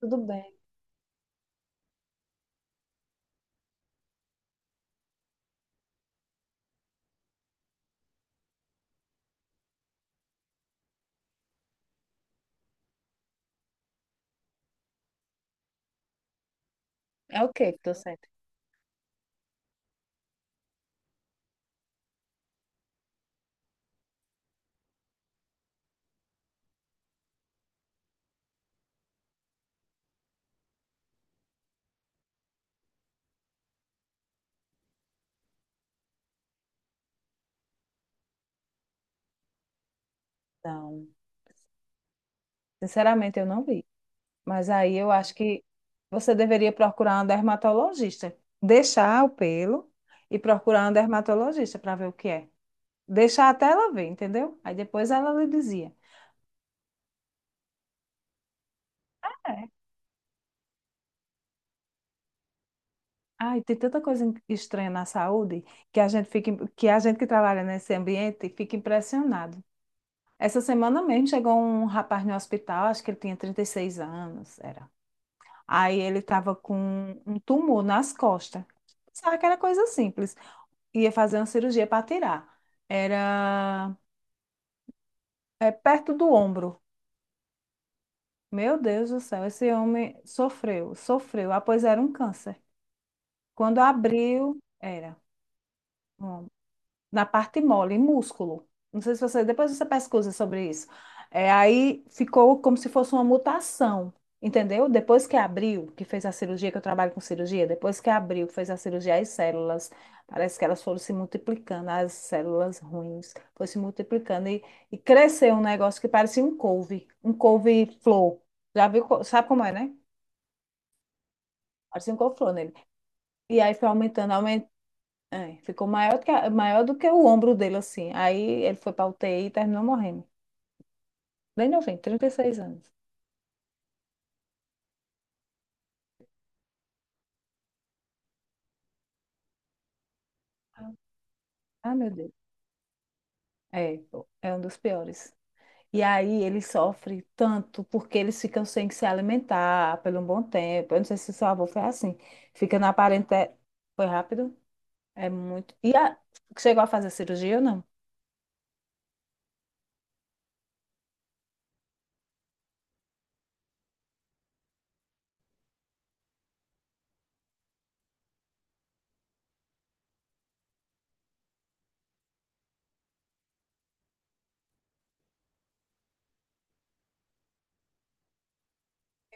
Tudo bem. É, o que que tu sente? Então, sinceramente, eu não vi. Mas aí eu acho que você deveria procurar um dermatologista. Deixar o pelo e procurar um dermatologista para ver o que é. Deixar até ela ver, entendeu? Aí depois ela lhe dizia. É. Ai, tem tanta coisa estranha na saúde que a gente fica, que a gente que trabalha nesse ambiente fica impressionado. Essa semana mesmo chegou um rapaz no hospital, acho que ele tinha 36 anos, era. Aí ele estava com um tumor nas costas. Pensava que era coisa simples. Ia fazer uma cirurgia para tirar. Era, é, perto do ombro. Meu Deus do céu, esse homem sofreu, sofreu. Ah, pois era um câncer. Quando abriu, era. Um, na parte mole, em músculo. Não sei se você, depois você pesquisa sobre isso. É, aí ficou como se fosse uma mutação, entendeu? Depois que abriu, que fez a cirurgia, que eu trabalho com cirurgia, depois que abriu, que fez a cirurgia, as células, parece que elas foram se multiplicando, as células ruins, foi se multiplicando e cresceu um negócio que parecia um couve, um couve-flor. Já viu, sabe como é, né? Parecia um couve-flor nele. E aí foi aumentando, aumentando. É, ficou maior do que, maior do que o ombro dele, assim. Aí ele foi pra UTI e terminou morrendo. Bem novinho, 36 anos. Ah, meu Deus. É, é um dos piores. E aí ele sofre tanto porque eles ficam sem se alimentar por um bom tempo. Eu não sei se seu avô foi assim. Fica na parentela. Foi rápido? É muito. E a... chegou a fazer cirurgia ou não?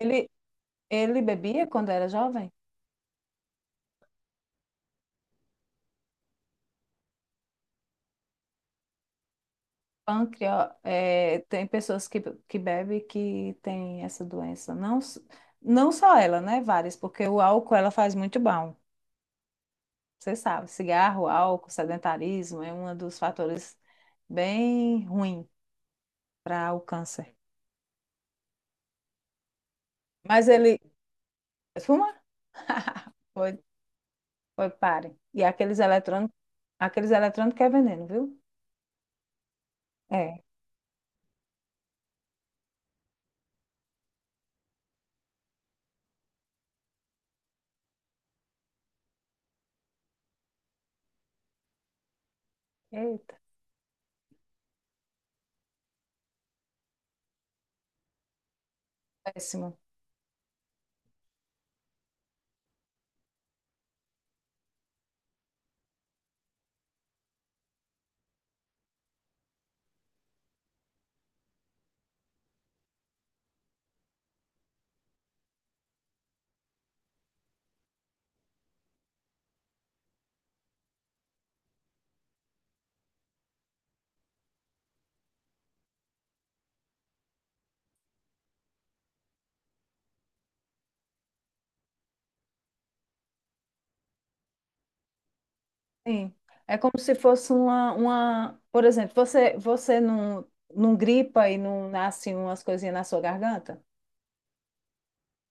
Ele, ele bebia quando era jovem? Pâncreas, é, tem pessoas que bebem que tem essa doença. Não, não só ela, né? Várias, porque o álcool ela faz muito mal. Você sabe, cigarro, álcool, sedentarismo é um dos fatores bem ruim para o câncer. Mas ele fuma? Foi, foi, pare. E aqueles eletrônicos que é veneno, viu? É. Eita, péssimo. Sim. É como se fosse uma, por exemplo, você não, não gripa e não nasce umas coisinhas na sua garganta?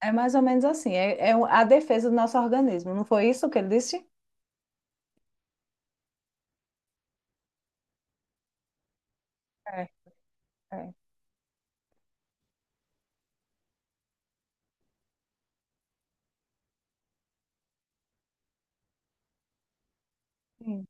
É mais ou menos assim, é, é a defesa do nosso organismo, não foi isso que ele disse? É, é. Sim.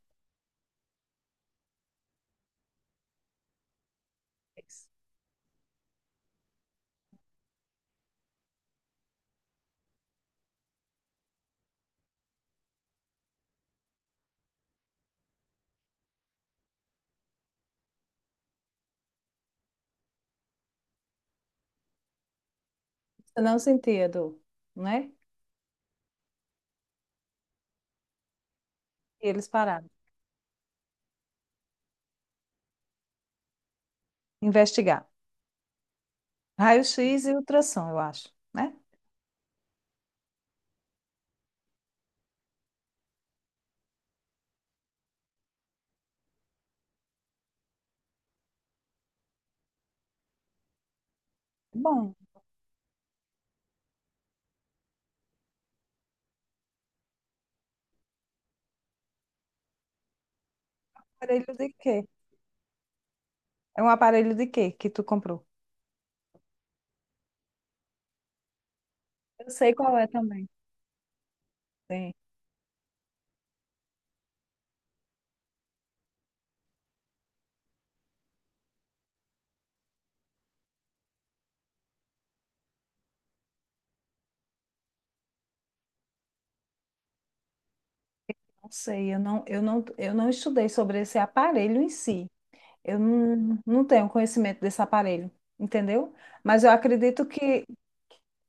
Você não sentia dor, né? E eles pararam. Investigar. Raio-X e ultrassom, eu acho, né? Bom, aparelho de quê? É um aparelho de quê que tu comprou? Eu sei qual é também. Sim. Não sei, eu não, eu não, eu não estudei sobre esse aparelho em si. Eu não, não tenho conhecimento desse aparelho, entendeu? Mas eu acredito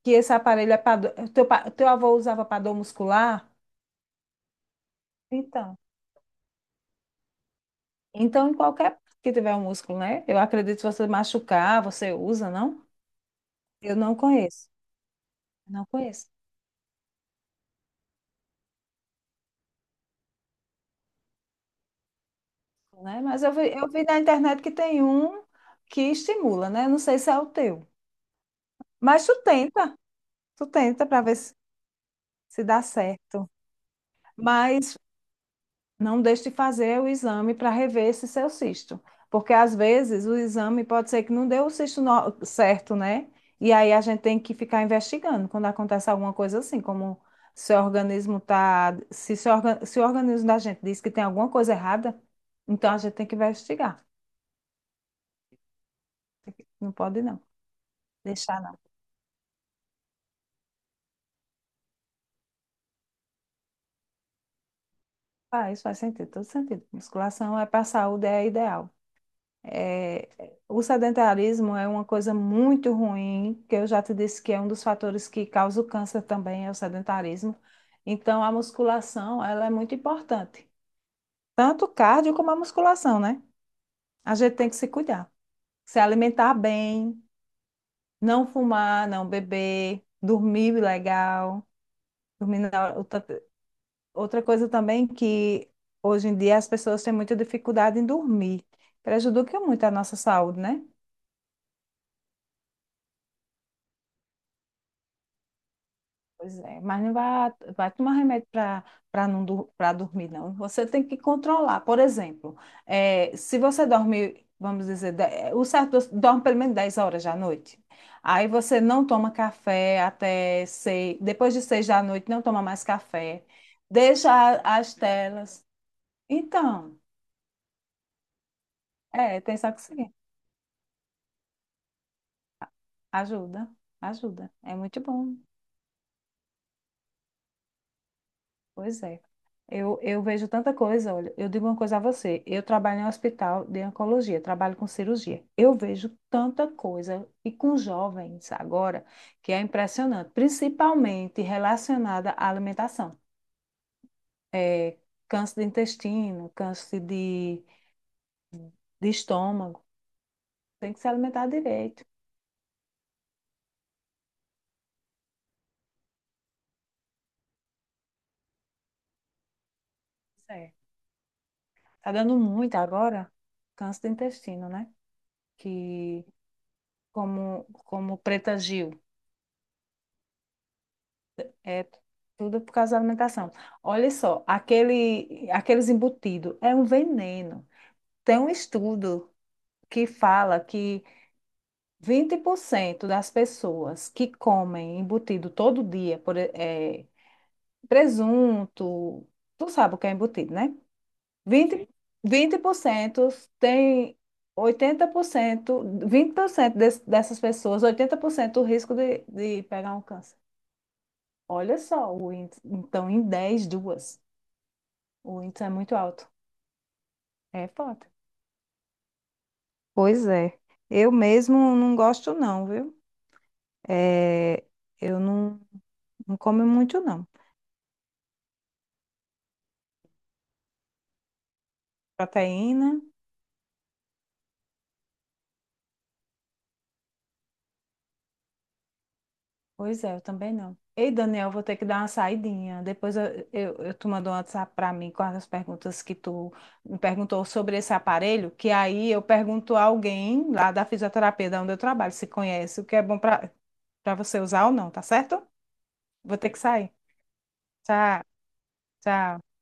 que esse aparelho é para teu, teu avô usava para dor muscular? Então. Então, em qualquer parte que tiver um músculo, né? Eu acredito que você machucar, você usa, não? Eu não conheço. Não conheço, né? Mas eu vi na internet que tem um que estimula, né? Não sei se é o teu. Mas tu tenta para ver se, se dá certo. Mas não deixe de fazer o exame para rever esse seu cisto, porque às vezes o exame pode ser que não deu o cisto certo, né? E aí a gente tem que ficar investigando quando acontece alguma coisa assim, como se o organismo tá, se, se o organismo da gente diz que tem alguma coisa errada, então a gente tem que investigar. Não pode não, deixar não. Faz, faz sentido, todo sentido. Musculação é para a saúde, é ideal. É, o sedentarismo é uma coisa muito ruim, que eu já te disse que é um dos fatores que causa o câncer também, é o sedentarismo. Então, a musculação, ela é muito importante. Tanto o cardio como a musculação, né? A gente tem que se cuidar. Se alimentar bem, não fumar, não beber, dormir legal. Dormir na outra, outra coisa também que hoje em dia as pessoas têm muita dificuldade em dormir. Prejudica muito a nossa saúde, né? Pois é, mas não vai, vai tomar remédio para, para não, para dormir, não. Você tem que controlar. Por exemplo, se você dorme, vamos dizer, o certo é dorme pelo menos 10 horas da noite. Aí você não toma café até seis, depois de seis da noite, não toma mais café. Deixa as telas. Então, é, tem só que seguir. Ajuda, ajuda. É muito bom. Pois é. Eu vejo tanta coisa, olha, eu digo uma coisa a você, eu trabalho em um hospital de oncologia, trabalho com cirurgia. Eu vejo tanta coisa, e com jovens agora, que é impressionante, principalmente relacionada à alimentação. É, câncer de intestino, câncer de estômago, tem que se alimentar direito. É. Tá dando muito agora, câncer de intestino, né? Que, como, como Preta Gil. É tudo por causa da alimentação. Olha só, aquele, aqueles embutidos é um veneno. Tem um estudo que fala que 20% das pessoas que comem embutido todo dia, por, presunto, tu sabe o que é embutido, né? Vinte vinte por 20% tem 80%, 20% dessas pessoas, 80% o risco de pegar um câncer. Olha só, o índice. Então, em 10 duas. O índice é muito alto. É foda. Pois é. Eu mesmo não gosto não, viu? É, eu não, não como muito não. Proteína. Pois é, eu também não. Ei, Daniel, vou ter que dar uma saidinha. Depois eu tu mandou um WhatsApp para mim com as perguntas que tu me perguntou sobre esse aparelho, que aí eu pergunto a alguém lá da fisioterapia, da onde eu trabalho, se conhece, o que é bom para, para você usar ou não, tá certo? Vou ter que sair. Tchau, tchau.